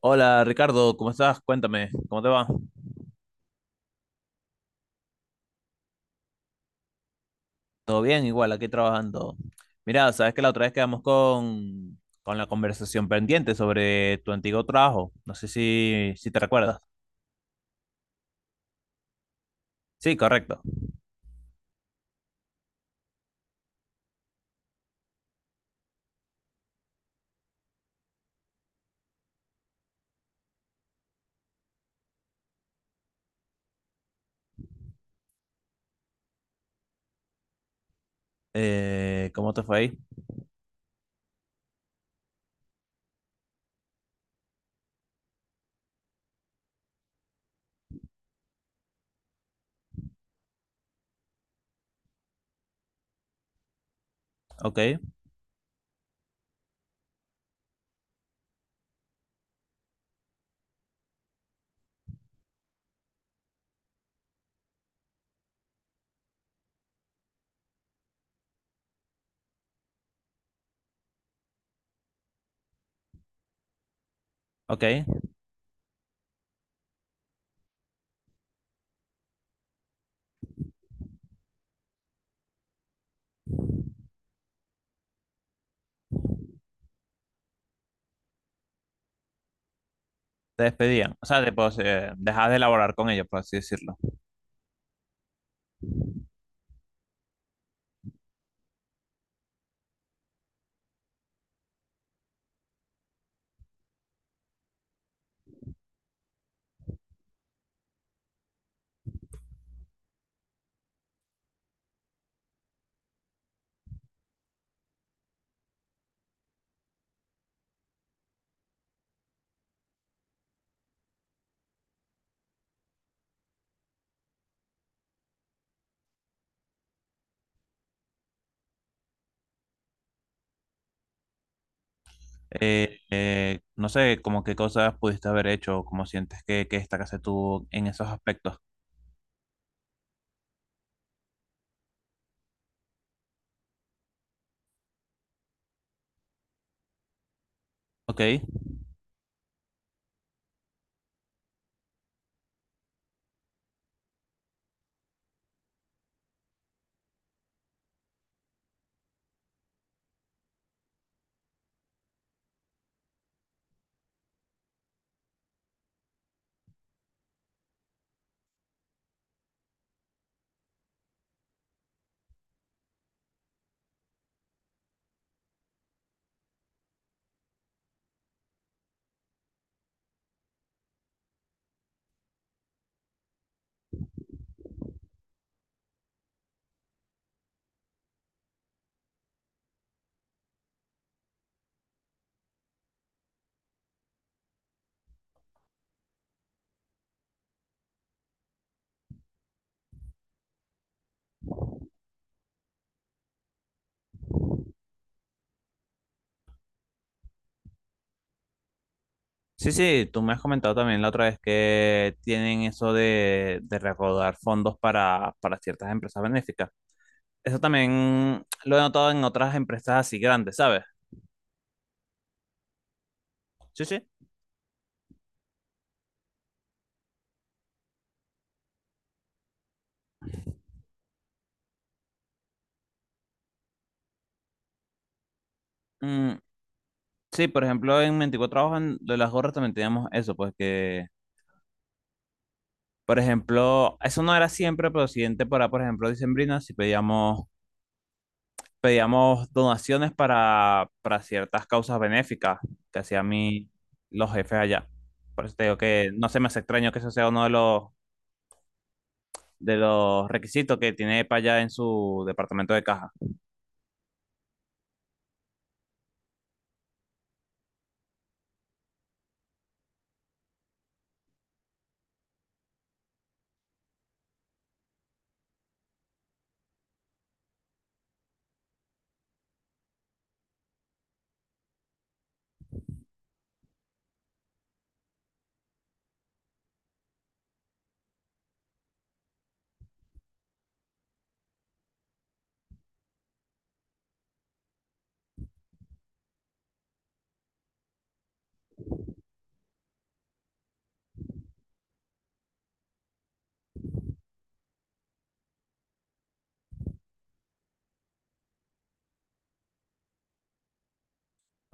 Hola Ricardo, ¿cómo estás? Cuéntame, ¿cómo te va? ¿Todo bien? Igual, aquí trabajando. Mira, sabes que la otra vez quedamos con la conversación pendiente sobre tu antiguo trabajo. No sé si te recuerdas. Sí, correcto. ¿Cómo te fue ahí? Ok, ok. Te despedían. O sea, te, pues, dejas de elaborar con ellos, por así decirlo. No sé, como qué cosas pudiste haber hecho, cómo sientes que esta casa tuvo en esos aspectos. Ok. Sí, sí, tú me has comentado también la otra vez que tienen eso de recaudar fondos para ciertas empresas benéficas. Eso también lo he notado en otras empresas así grandes, ¿sabes? Sí, sí. Mm, sí, por ejemplo, en 24 Trabajos en lo de las gorras también teníamos eso, pues que, por ejemplo, eso no era siempre, pero siguiente para, por ejemplo, dicembrina, si pedíamos donaciones para ciertas causas benéficas que hacían mi, los jefes allá. Por eso te digo que no se me hace extraño que eso sea uno de de los requisitos que tiene EPA allá en su departamento de caja.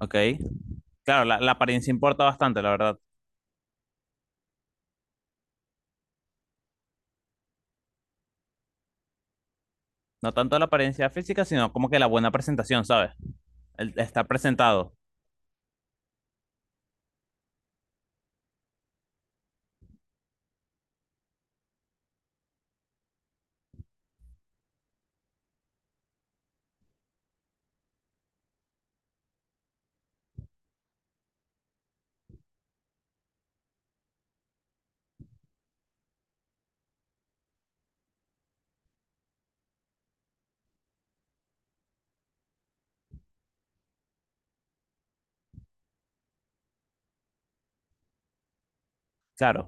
¿Ok? Claro, la apariencia importa bastante, la verdad. No tanto la apariencia física, sino como que la buena presentación, ¿sabes? El estar presentado. Claro.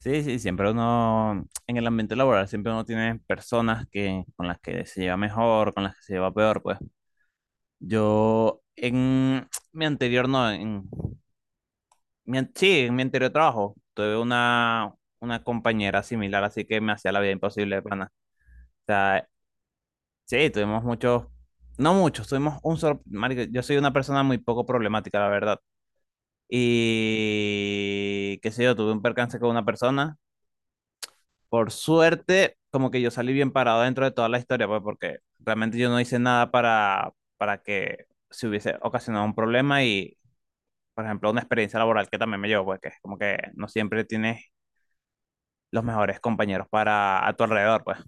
Sí, sí, siempre uno, en el ambiente laboral, siempre uno tiene personas que, con las que se lleva mejor, con las que se lleva peor, pues. Yo en mi anterior, no, en mi, an- Sí, en mi anterior trabajo tuve una compañera similar, así que me hacía la vida imposible de pana. O sea, sí, no muchos, tuvimos un solo, marico, yo soy una persona muy poco problemática, la verdad. Y qué sé yo, tuve un percance con una persona. Por suerte, como que yo salí bien parado dentro de toda la historia, pues porque realmente yo no hice nada para, para que se hubiese ocasionado un problema y por ejemplo, una experiencia laboral que también me llevó, pues, que es como que no siempre tienes los mejores compañeros para a tu alrededor, pues.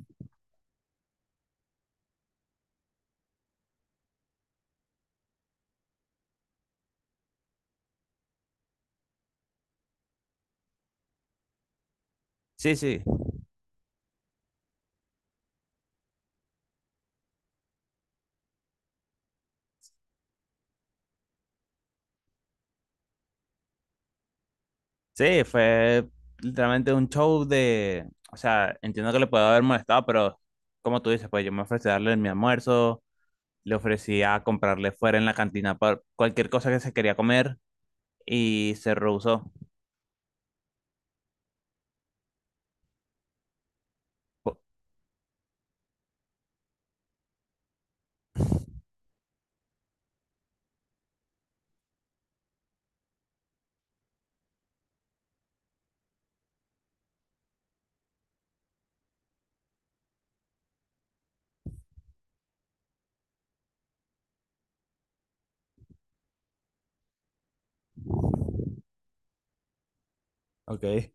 Sí, sí, sí, fue literalmente un show de, o sea, entiendo que le puedo haber molestado, pero como tú dices, pues yo me ofrecí a darle mi almuerzo, le ofrecí a comprarle fuera en la cantina pa- cualquier cosa que se quería comer y se rehusó. Po- Ok.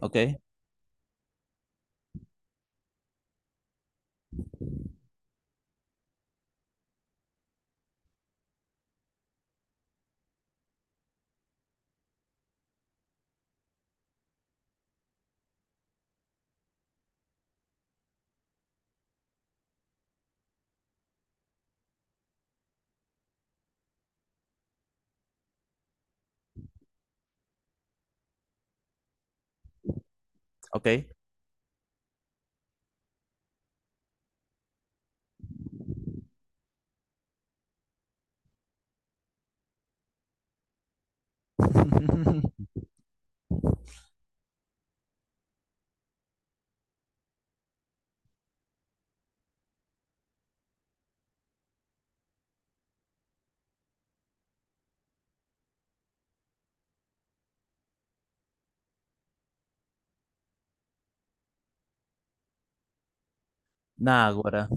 Ok, ok. Nah, güera.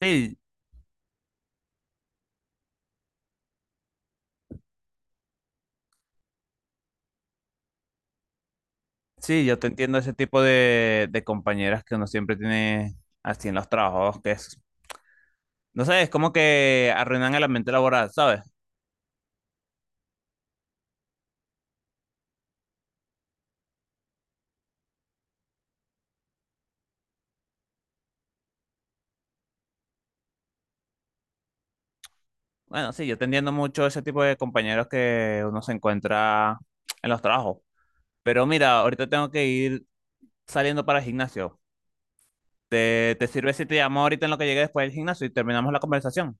Sí, sí, yo te entiendo ese tipo de compañeras que uno siempre tiene así en los trabajos, que es, no sé, es como que arruinan el ambiente laboral, ¿sabes? Bueno, sí, yo te entiendo mucho ese tipo de compañeros que uno se encuentra en los trabajos. Pero mira, ahorita tengo que ir saliendo para el gimnasio. ¿Te sirve si te llamo ahorita en lo que llegue después del gimnasio y terminamos la conversación?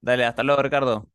Dale, hasta luego, Ricardo.